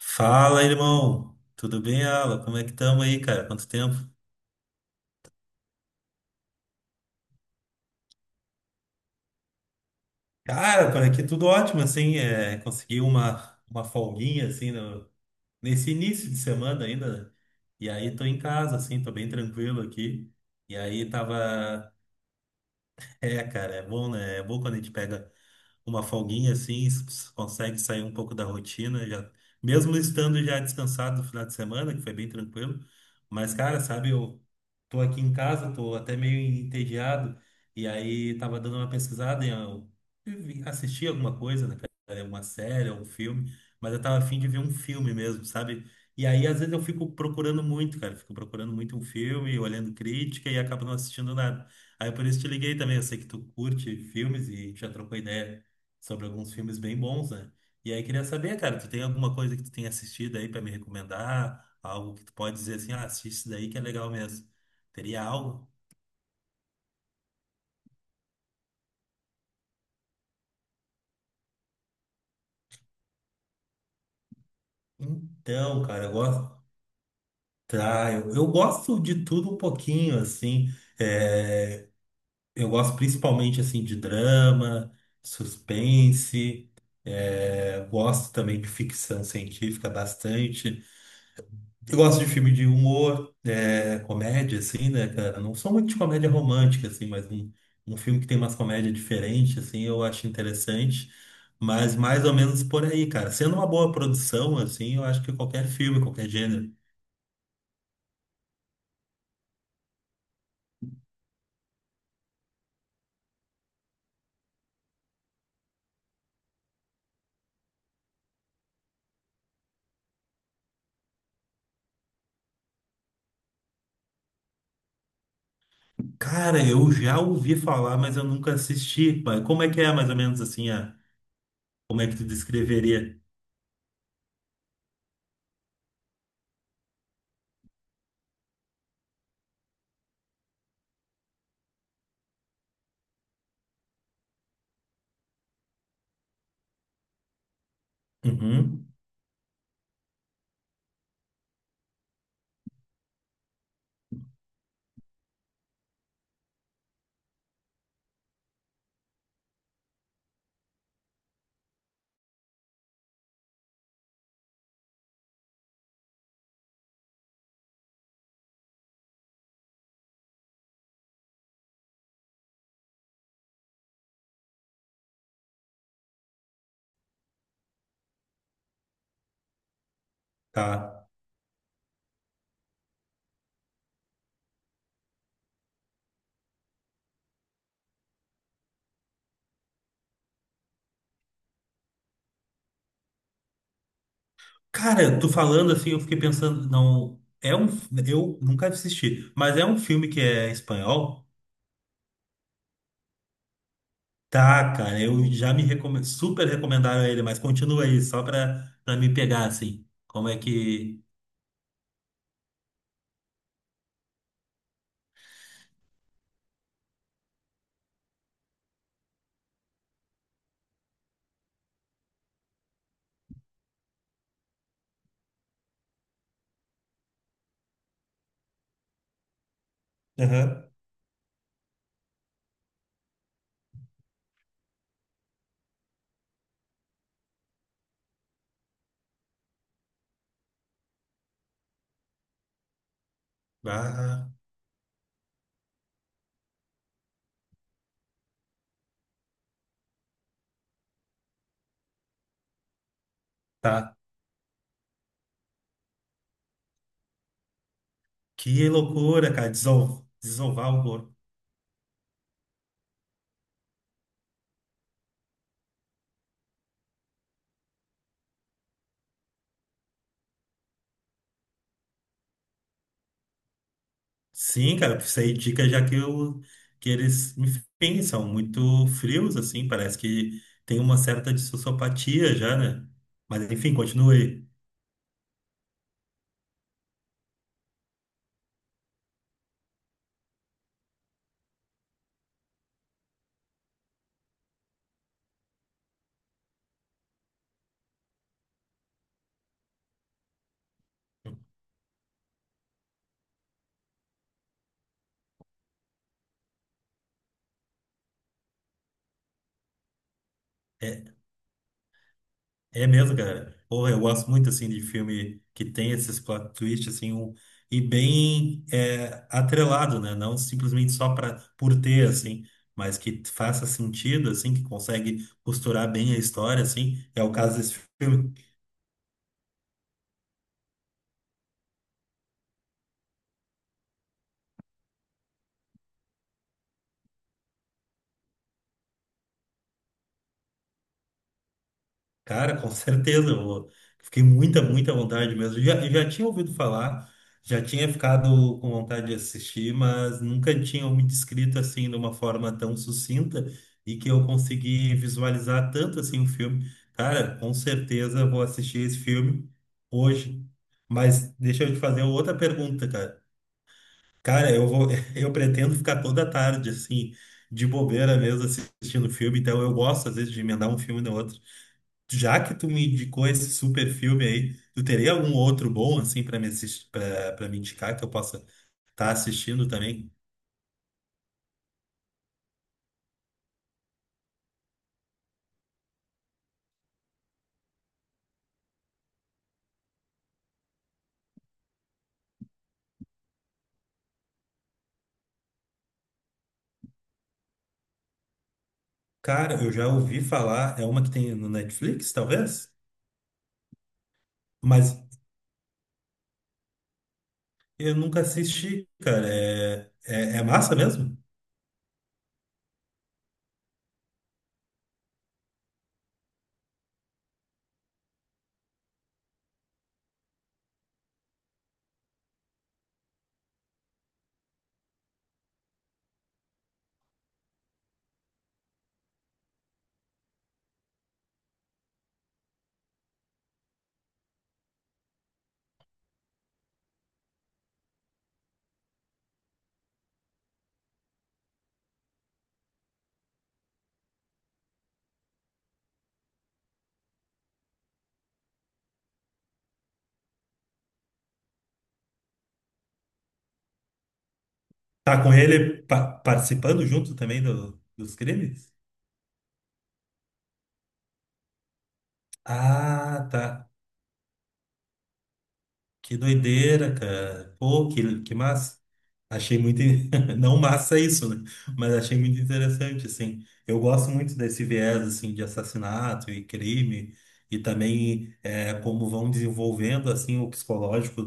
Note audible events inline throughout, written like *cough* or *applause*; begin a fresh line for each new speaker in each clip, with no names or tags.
Fala, irmão. Tudo bem, Alan? Como é que estamos aí, cara? Quanto tempo? Cara, por aqui tudo ótimo, assim. É, consegui uma folguinha, assim, nesse início de semana ainda. E aí tô em casa, assim, tô bem tranquilo aqui. E aí tava. É, cara, é bom, né? É bom quando a gente pega uma folguinha assim, consegue sair um pouco da rotina, já, mesmo estando já descansado no final de semana, que foi bem tranquilo. Mas, cara, sabe, eu tô aqui em casa, tô até meio entediado, e aí tava dando uma pesquisada em eu assistir alguma coisa, né, cara, uma série, um filme, mas eu tava a fim de ver um filme mesmo, sabe? E aí, às vezes, eu fico procurando muito, cara. Fico procurando muito um filme, olhando crítica e acabo não assistindo nada. Aí, por isso, te liguei também. Eu sei que tu curte filmes e já trocou ideia sobre alguns filmes bem bons, né? E aí queria saber, cara, tu tem alguma coisa que tu tem assistido aí pra me recomendar? Algo que tu pode dizer assim, ah, assiste isso daí que é legal mesmo. Teria algo? Então, cara, eu gosto. Tá, eu gosto de tudo um pouquinho, assim. É, eu gosto principalmente assim de drama, suspense, eu gosto também de ficção científica bastante. Eu gosto de filme de humor, é, comédia, assim, né, cara? Não sou muito de comédia romântica, assim, mas um filme que tem umas comédias diferentes, assim, eu acho interessante. Mas mais ou menos por aí, cara. Sendo uma boa produção, assim, eu acho que qualquer filme, qualquer gênero. Cara, eu já ouvi falar, mas eu nunca assisti. Mas como é que é, mais ou menos, assim, como é que tu descreveria? Uhum. Tá. Cara, tu falando assim, eu fiquei pensando, não, eu nunca assisti, mas é um filme que é espanhol? Tá, cara, eu já super recomendaram ele, mas continua aí, só pra me pegar, assim. Como é que. Aham. Ah, tá. Que loucura, cara, desovar o corpo. Sim, cara, isso aí é dica já que eles, enfim, são muito frios, assim, parece que tem uma certa dissociopatia já, né? Mas enfim, continua aí. É, É mesmo, cara. Porra, eu gosto muito, assim, de filme que tem esses plot twists, assim, e bem atrelado, né? Não simplesmente só pra, por ter, assim, mas que faça sentido, assim, que consegue costurar bem a história, assim. É o caso desse filme. Cara, com certeza, eu fiquei muita, muita vontade mesmo. Eu já tinha ouvido falar, já tinha ficado com vontade de assistir, mas nunca tinha me descrito assim de uma forma tão sucinta e que eu consegui visualizar tanto assim o filme. Cara, com certeza vou assistir esse filme hoje. Mas deixa eu te fazer outra pergunta, cara. Cara, eu vou, *laughs* eu pretendo ficar toda tarde assim, de bobeira mesmo assistindo filme, então eu gosto às vezes de emendar um filme no outro. Já que tu me indicou esse super filme aí, tu teria algum outro bom assim para me assistir, para me indicar que eu possa estar assistindo também? Cara, eu já ouvi falar, é uma que tem no Netflix, talvez, mas eu nunca assisti, cara. É massa mesmo? Tá com ele participando junto também dos crimes? Ah, tá. Que doideira, cara. Pô, que massa. Achei muito. *laughs* Não massa isso, né? Mas achei muito interessante, assim. Eu gosto muito desse viés, assim, de assassinato e crime, e também como vão desenvolvendo, assim, o psicológico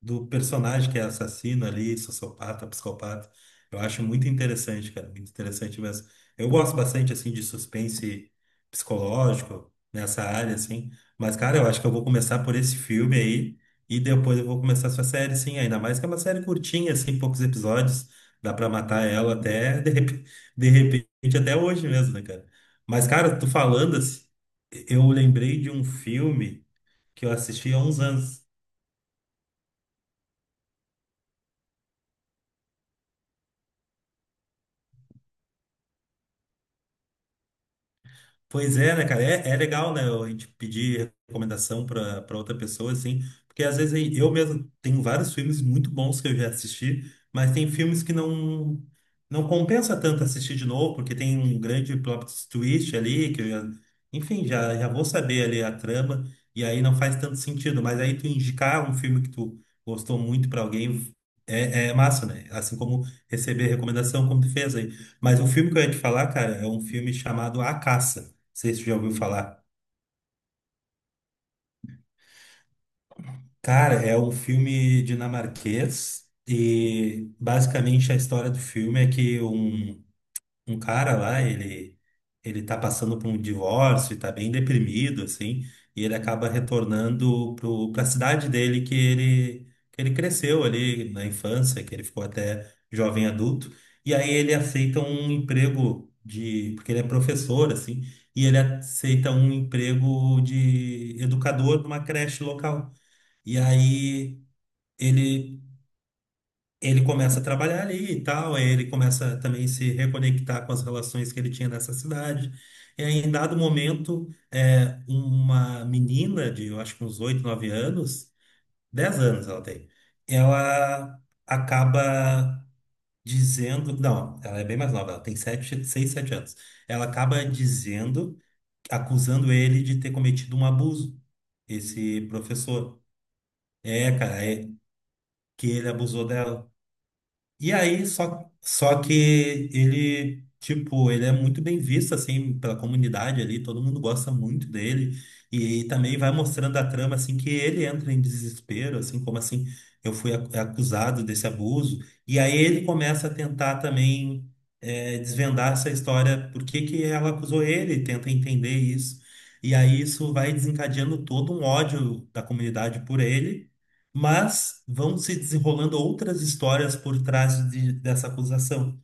do personagem que é assassino ali, sociopata, psicopata. Eu acho muito interessante, cara, muito interessante mesmo. Eu gosto bastante, assim, de suspense psicológico nessa área, assim. Mas, cara, eu acho que eu vou começar por esse filme aí e depois eu vou começar essa série, sim. Ainda mais que é uma série curtinha, assim, poucos episódios. Dá pra matar ela até, *laughs* de repente, até hoje mesmo, né, cara? Mas, cara, tu falando assim, eu lembrei de um filme que eu assisti há uns anos. Pois é, né, cara? É legal, né? A gente pedir recomendação para outra pessoa, assim, porque às vezes aí eu mesmo tenho vários filmes muito bons que eu já assisti, mas tem filmes que não compensa tanto assistir de novo, porque tem um grande plot twist ali, que eu já, enfim, já vou saber ali a trama, e aí não faz tanto sentido. Mas aí tu indicar um filme que tu gostou muito para alguém é massa, né? Assim como receber recomendação, como tu fez aí. Mas o filme que eu ia te falar, cara, é um filme chamado A Caça sei se você já ouviu falar. Cara, é um filme dinamarquês e basicamente a história do filme é que um cara lá, ele tá passando por um divórcio e tá bem deprimido assim, e ele acaba retornando pro para a cidade dele que ele cresceu ali na infância, que ele ficou até jovem adulto, e aí ele aceita um emprego de porque ele é professor assim, e ele aceita um emprego de educador numa creche local. E aí ele ele começa a trabalhar ali e tal, aí ele começa também a se reconectar com as relações que ele tinha nessa cidade. E aí, em dado momento, uma menina de, eu acho que uns 8, 9 anos, 10 anos ela tem, ela acaba dizendo, não, ela é bem mais nova, ela tem 7, 6, 7 anos. Ela acaba dizendo, acusando ele de ter cometido um abuso, esse professor. É, cara, é que ele abusou dela. E aí, só que ele, tipo, ele é muito bem visto, assim, pela comunidade ali, todo mundo gosta muito dele. E, também vai mostrando a trama, assim, que ele entra em desespero, assim, como assim, eu fui acusado desse abuso. E aí ele começa a tentar também desvendar essa história, por que que ela acusou ele, tenta entender isso. E aí isso vai desencadeando todo um ódio da comunidade por ele. Mas vão se desenrolando outras histórias por trás dessa acusação.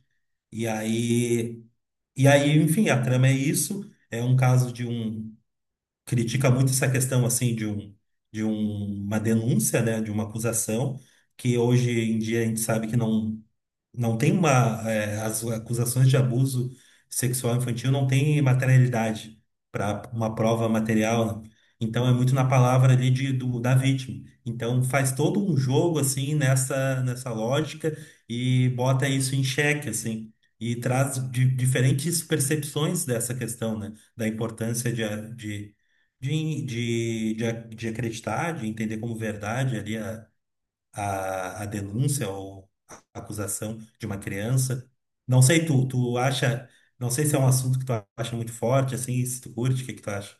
E aí, e aí, enfim, a trama é isso. É um caso de um. Critica muito essa questão, assim, uma denúncia, né, de uma acusação, que hoje em dia a gente sabe que não. Não tem uma. As acusações de abuso sexual infantil não tem materialidade para uma prova material, né? Então é muito na palavra ali da vítima. Então faz todo um jogo assim nessa lógica e bota isso em xeque, assim. E traz diferentes percepções dessa questão, né? Da importância de, a- de acreditar, de entender como verdade ali a denúncia ou a acusação de uma criança. Não sei, não sei se é um assunto que tu acha muito forte, assim, se tu curte, o que que tu acha?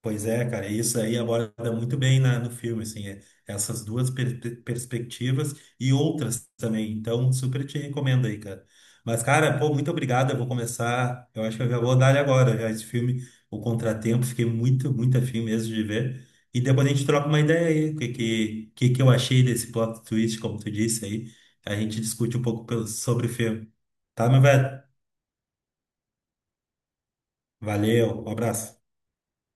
Pois é, cara, isso aí aborda muito bem no filme, assim, essas duas perspectivas e outras também, então super te recomendo aí, cara. Mas, cara, pô, muito obrigado, eu vou começar, eu acho que eu já vou dar ele agora, já esse filme, O Contratempo, fiquei muito, muito afim mesmo de ver, e depois a gente troca uma ideia aí, o que que eu achei desse plot twist, como tu disse aí, a gente discute um pouco sobre o filme, tá, meu velho? Valeu, um abraço.